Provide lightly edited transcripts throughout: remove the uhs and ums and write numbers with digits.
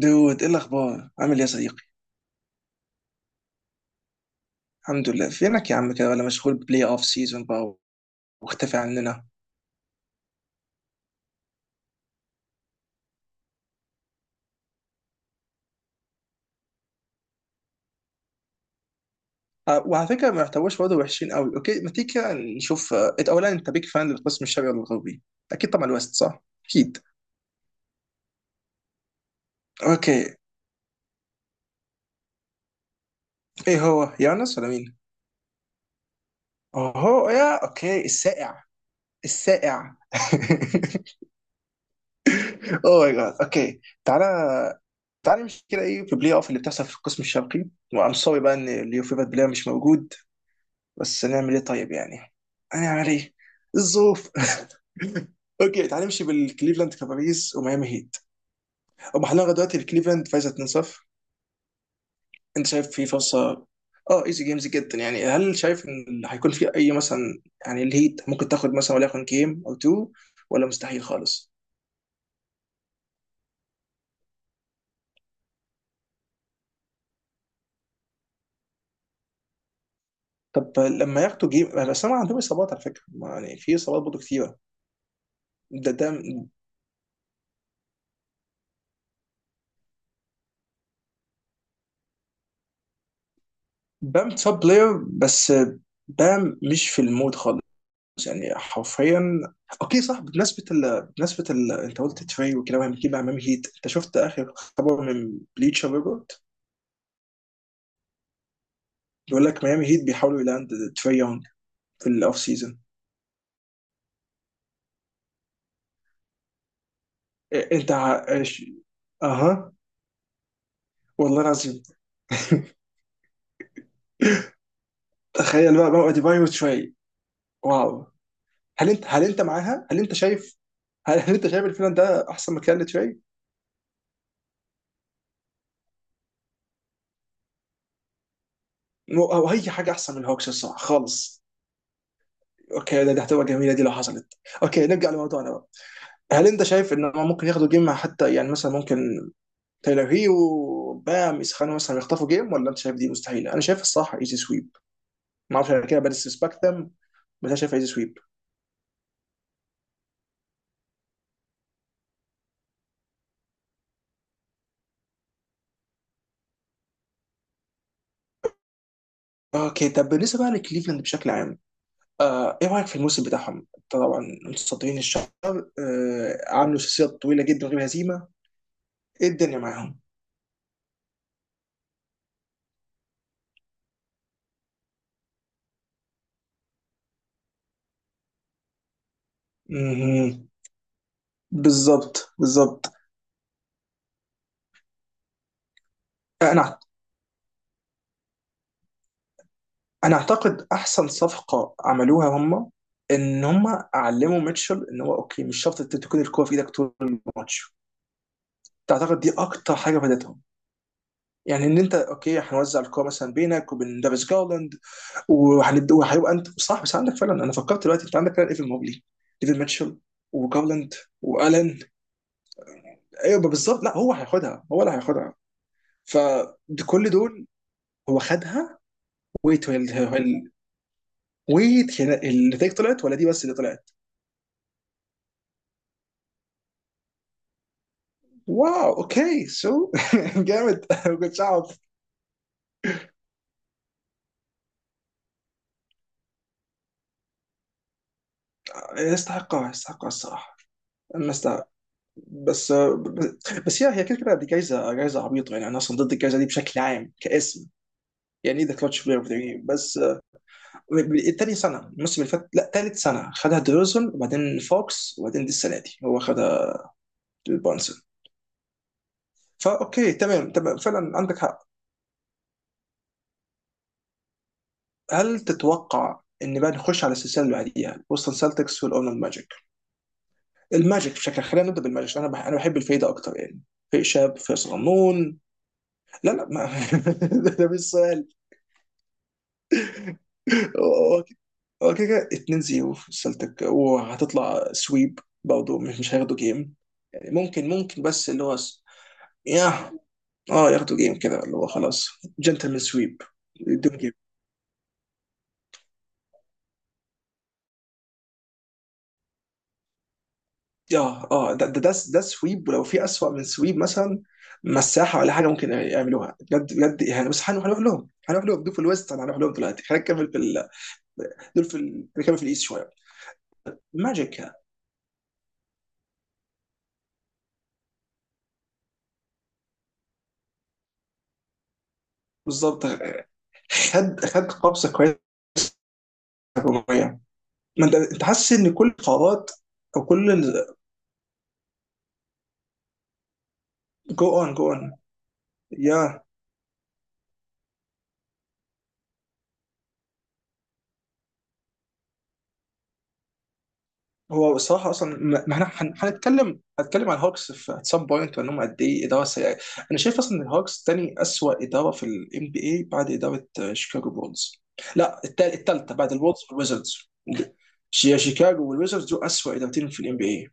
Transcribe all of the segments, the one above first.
دود، ايه الاخبار؟ عامل ايه يا صديقي؟ الحمد لله. فينك يا عم؟ كده ولا مشغول بلاي اوف سيزون بقى واختفي عننا؟ وعلى فكره ما يحتواش برضه وحشين قوي. اوكي، ما تيجي كده نشوف. انت اولا، انت بيك فان للقسم الشرقي ولا الغربي؟ اكيد طبعا الوست، صح؟ اكيد. اوكي. ايه، هو يانس ولا مين؟ اوه يا اوكي، السائع. السائع. اوه ماي جاد. اوكي، تعالى. تعالى نمشي كده. ايه في بلاي اوف اللي بتحصل في القسم الشرقي؟ وام، سوري بقى ان اليوفيفا بلاير مش موجود، بس نعمل ايه طيب يعني؟ هنعمل ايه؟ الظروف. اوكي، تعال نمشي بالكليفلاند كافاليز وميامي هيت. هم حاليا لغايه دلوقتي الكليفلاند فايزه 2-0. انت شايف في فرصه؟ اه، ايزي جيمز جدا. يعني هل شايف ان هيكون في اي مثلا؟ يعني الهيت ممكن تاخد مثلا وليكن جيم او تو، ولا مستحيل خالص؟ طب لما ياخدوا جيم، بس هم عندهم اصابات على فكره. ما يعني في اصابات برضه كتيره. ده بام توب بلاير بس. بام مش في المود خالص، يعني حرفيا. اوكي، صح. بمناسبه بمناسبه انت قلت تري وكده وهنجيب مع ميامي هيت، انت شفت اخر خبر من بليتشر ريبورت؟ بيقول لك ميامي هيت بيحاولوا يلاند تري يونج في الاوف سيزون. إيه، انت ع- إيش- اها. والله العظيم. تخيل بقى ديباي وتري. واو. هل انت شايف؟ هل انت شايف الفيلم ده احسن مكان لتري؟ او اي حاجه احسن من الهوكس الصراحه خالص. اوكي، ده هتبقى جميله دي لو حصلت. اوكي، نرجع لموضوعنا. هل انت شايف ان هم ممكن ياخدوا جيم؟ مع حتى يعني مثلا ممكن تايلر هي وبام يسخنوا مثلا يخطفوا جيم، ولا انت شايف دي مستحيله؟ انا شايف الصح ايزي سويب. ما اعرفش، انا كده بديسبكت ذم، بس انا شايف ايزي سويب. اوكي طب، بالنسبه بقى لكليفلاند بشكل عام، ايه رايك في الموسم بتاعهم؟ طبعا متصدرين الشهر. عملوا سلسله طويله جدا من غير هزيمه. ايه الدنيا معاهم؟ مهم. بالظبط، بالظبط. انا انا اعتقد احسن صفقه عملوها هم ان هم علموا ميتشل ان هو اوكي، مش شرط انت تكون الكوره في ايدك طول الماتش. تعتقد دي اكتر حاجه فادتهم؟ يعني ان انت اوكي، هنوزع الكوره مثلا بينك وبين دافيس جارلاند وهنبدا وهيبقى انت صح، بس عندك فعلا. انا فكرت دلوقتي، انت عندك فعلا ايفن موبلي، ايفن ميتشل، وجارلاند والان. ايوه بالظبط. لا هو هياخدها، هو اللي هياخدها، فكل دول. هو خدها. ويت هل- هل- النتائج طلعت ولا دي بس اللي طلعت؟ واو، اوكي سو جامد، ما كنتش اعرف. يستحقها، يستحقها الصراحه. أنا استحق، بس. بس هي هي كده كده دي جايزه، جايزه عبيطه يعني، انا اصلا ضد الجايزه دي بشكل عام كاسم. يعني ذا كلتش بلاير اوف ذا جيم، بس الثاني سنه، الموسم اللي فات، لا ثالث سنه، خدها ديروزن، وبعدين فوكس، وبعدين دي السنه دي هو خدها، بونسون. فاوكي تمام، تمام، فعلا عندك حق. هل تتوقع ان بقى نخش على السلسله اللي بعديها، بوستن سلتكس والاورلاند ماجيك؟ الماجيك بشكل، خلينا نبدا بالماجيك عشان انا بح انا بحب الفايده اكتر يعني. فايق شاب، فايق صغنون. لا لا ما ده مش سؤال. هو هو كده كده 2 0 سلتك وهتطلع سويب برضه، مش هياخدوا جيم. يعني ممكن، ممكن، بس اللي هو ياه، اه ياخدوا جيم، كده اللي هو خلاص جنتلمان سويب. يدوم جيم. اه اه ده ده سويب، ولو في اسوأ من سويب مثلا، مساحه ولا حاجه ممكن يعملوها بجد بجد يعني. بس هنروح لهم دول في الويست، هنروح لهم دلوقتي. خلينا نكمل في دول في اللي كانوا في الايست شويه. ماجيك. بالظبط. خد، خد قبضه كويسه هجوميه. ما انت حاسس ان كل القرارات او كل، جو اون جو اون يا. هو الصراحه اصلا، ما احنا هنتكلم عن هوكس في سام بوينت، وان هم قد ايه اداره سيئه. انا شايف اصلا ان هوكس تاني اسوء اداره في الام بي اي بعد اداره شيكاغو بولز. لا التالتة بعد الولز والويزردز. شيكاغو والويزردز. دول اسوء ادارتين في الام بي اي.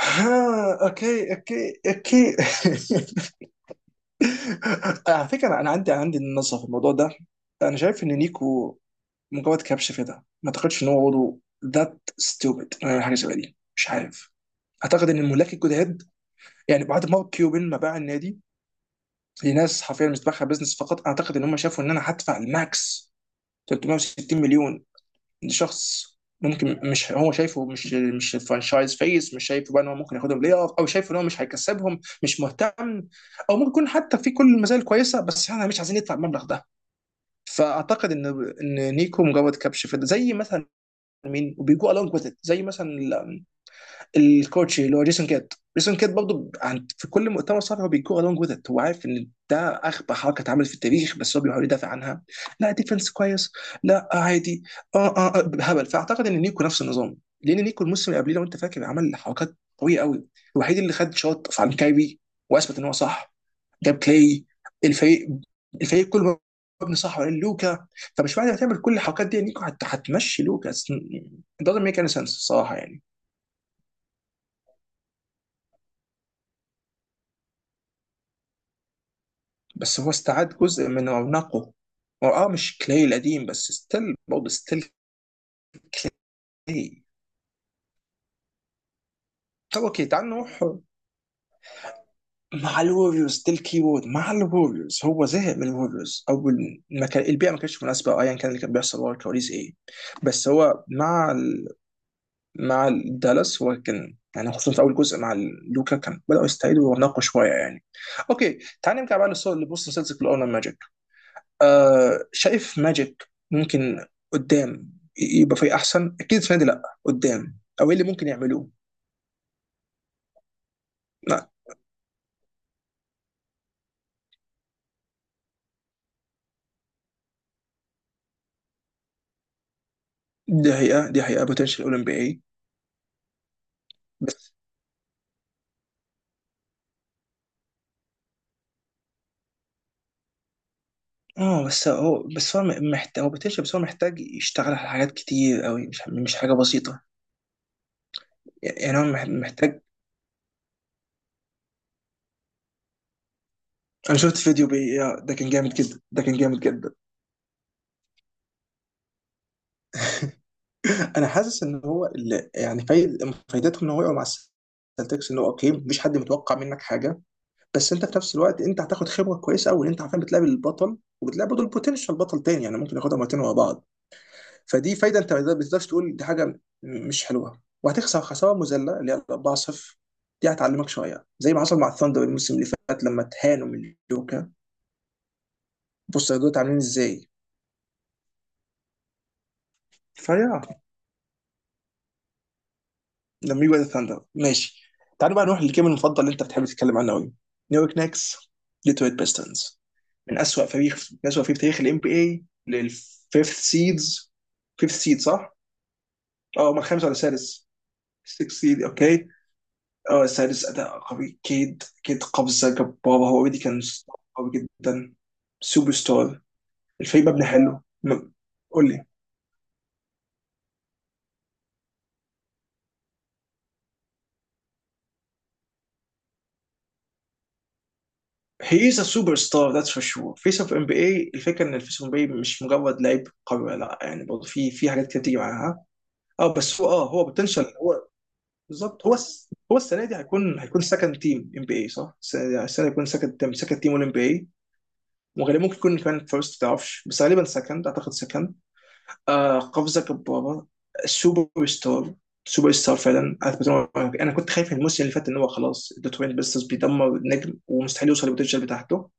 ها اوكي، اوكي، اوكي. على فكره، انا عندي نظره في الموضوع ده. انا شايف ان نيكو مجرد كبش في ده. ما اعتقدش ان هو برضه ذات ستوبد انه يعمل حاجه شبه دي، مش عارف. اعتقد ان الملاك الجداد يعني، بعد ما كيوبن ما باع النادي لناس حرفيا مش دماغها بزنس فقط، اعتقد ان هم شافوا ان انا هدفع الماكس، 360 مليون شخص ممكن، مش هو شايفه، مش مش فرانشايز فيس، مش شايفه بقى ان هو ممكن ياخدهم بلاي اوف، او شايفه ان هو مش هيكسبهم، مش مهتم. او ممكن يكون حتى في كل المزايا الكويسه، بس احنا مش عايزين ندفع المبلغ ده. فاعتقد ان نيكو مجرد كبش فيدا، زي مثلا مين، وبيجو الونج وذ، زي مثلا الكوتش اللي هو جيسون كيت. جيسون كيت برضه عند في كل مؤتمر صحفي هو بيجو along with it. هو عارف ان ده اغبى حركه اتعملت في التاريخ، بس هو بيحاول يدافع عنها. لا ديفنس كويس، لا عادي، اه اه هبل. فاعتقد ان نيكو نفس النظام، لان نيكو الموسم اللي قبليه، لو انت فاكر، عمل حركات قويه قوي. الوحيد اللي خد شوت عن كايري واثبت ان هو صح. جاب كلاي. الفريق الفريق كله مبني صح ولا لوكا؟ فمش بعد ما تعمل كل الحركات دي نيكو هتمشي لوكا. It doesn't make any sense الصراحه يعني. بس هو استعاد جزء من رونقه. هو اه مش كلاي القديم، بس ستيل برضه، ستيل كلاي. هو اوكي، تعال نروح. مع الوريوز ستيل كيبورد. مع الوريوز هو زهق من الوريوز، اول ما كان البيئه ما كانتش مناسبه، او ايا كان اللي كان بيحصل ورا الكواليس ايه. بس هو مع مع دالاس هو كان يعني، خصوصا في اول جزء مع لوكا، كان بداوا يستعيدوا رونقه شويه يعني. اوكي، تعال نرجع بقى للصور اللي بص، لسلسله الاونر ماجيك. آه، شايف ماجيك ممكن قدام يبقى فريق احسن اكيد السنه دي؟ لا قدام، او ايه اللي ممكن يعملوه؟ لا دي حقيقه، دي حقيقه، بوتنشال اولمبي اي. بس، اه بس هو محتاج. هو بوتنشال، بس هو محتاج يشتغل على حاجات كتير قوي، مش مش حاجه بسيطه. يعني محتاج. انا شفت فيديو بي، ده كان جامد جدا، ده كان جامد جدا. انا حاسس ان هو اللي يعني فايدتهم ان هو يقع مع السلتكس، ان هو اوكي، مفيش حد متوقع منك حاجه، بس انت في نفس الوقت انت هتاخد خبره كويسه قوي. انت عارفين بتلعب البطل، وبتلعب برضه البوتنشال بطل تاني. يعني ممكن ياخدها مرتين ورا بعض. فدي فايده، انت ما بتقدرش تقول دي حاجه مش حلوه. وهتخسر خساره مذله اللي هي 4-0، دي هتعلمك شويه، زي ما حصل مع الثاندر الموسم اللي فات لما اتهانوا من الجوكر. بص دول عاملين ازاي فيا لما يجوا ثاندر، ماشي. تعالوا بقى نروح للجيم المفضل اللي انت بتحب تتكلم عنه قوي، نيويورك نيكس ديترويت بيستنز. من اسوأ فريق، من اسوأ فريق في تاريخ الام بي اي للفيفث سيدز. فيفث سيد، صح؟ اه، هم الخامس ولا السادس؟ السكس سيد، اوكي. اه السادس، اداء قوي. كيد، كيد قفزه جباره، هو اوريدي كان قوي جدا. سوبر ستار. الفريق مبني حلو قول لي. هي از سوبر ستار، ذاتس فور شور. فيس اوف ام بي اي، الفكره ان الفيس اوف ام بي اي مش مجرد لعيب قوي لا، يعني برضه في في حاجات كتير بتيجي معاها. اه بس هو، اه هو بوتنشال هو. بالظبط. هو هو السنه دي هيكون، هيكون سكند تيم ام بي اي، صح؟ السنه دي، السنة دي هيكون سكند تيم، سكند تيم والام بي اي. وغالبا ممكن يكون كمان فيرست، ما تعرفش، بس غالبا سكند، اعتقد سكند. آه، قفزه جباره. سوبر ستار، سوبر ستار فعلا. أثبت إن انا كنت خايف الموسم اللي فات ان هو خلاص الدوتوين بيسترز بيدمر النجم، ومستحيل يوصل للبوتنشال بتاعته.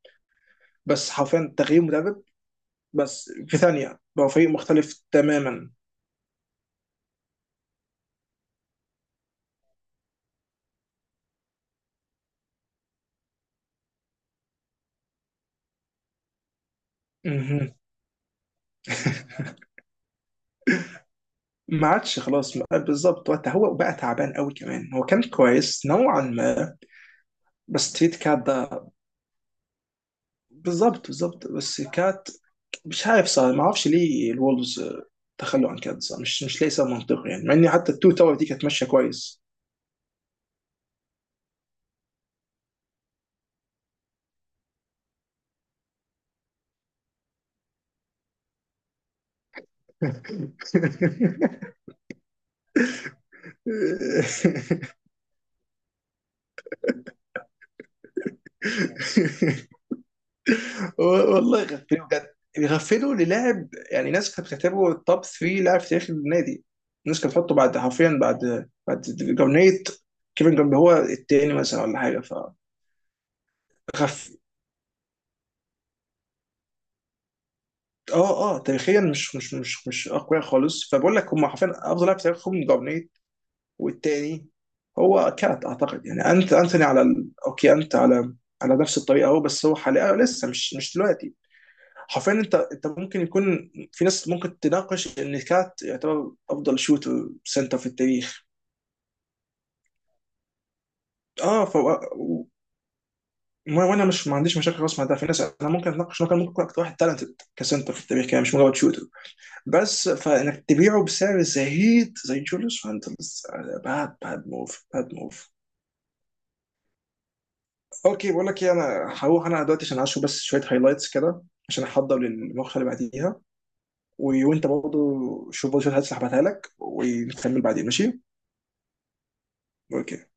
بس حرفيا تغيير مدرب، بس في ثانيه بقى فريق مختلف تماما. مهم. ما عادش خلاص بالظبط. وقتها هو بقى تعبان قوي كمان، هو كان كويس نوعا ما. بس تريد كات ده، بالظبط بالظبط، بس كات، مش عارف صار، ما اعرفش ليه الولفز تخلوا عن كات. صار مش مش ليه صار منطقي يعني، مع ان حتى التو تاور دي كانت ماشيه كويس. والله يغفلوا بجد، يغفلوا للاعب يعني ناس كانت بتعتبره التوب 3 لاعب في تاريخ النادي. الناس كانت بتحطه بعد حرفيا بعد، بعد جارنيت، كيفن جارنيت هو التاني مثلا ولا حاجه. ف غف... اه اه تاريخيا، مش مش مش مش اقوياء خالص. فبقول لك هم حرفيا افضل لاعب في تاريخهم جارنيت، والتاني هو كات اعتقد. يعني انت انتوني على اوكي، انت على على نفس الطريقه اهو، بس هو حاليا لسه مش، مش دلوقتي. حرفيا انت، انت ممكن يكون في ناس ممكن تناقش ان كات يعتبر افضل شوتر سنتر في التاريخ. اه ف، وانا مش، ما عنديش مشاكل خالص مع ده، في ناس انا ممكن اتناقش انه كان ممكن يكون اكتر واحد تالنتد كسنتر في التاريخ، كان مش مجرد شوتر. بس فانك تبيعه بسعر زهيد زي جوليوس فانتلز، باد، باد موف، باد موف. اوكي، بقول لك ايه، انا هروح انا دلوقتي عشان اشوف بس شويه هايلايتس كده، عشان احضر للمقطع اللي بعديها. وانت برضه شوف برضه شويه، هتسحبها لك ونكمل بعدين، ماشي؟ اوكي.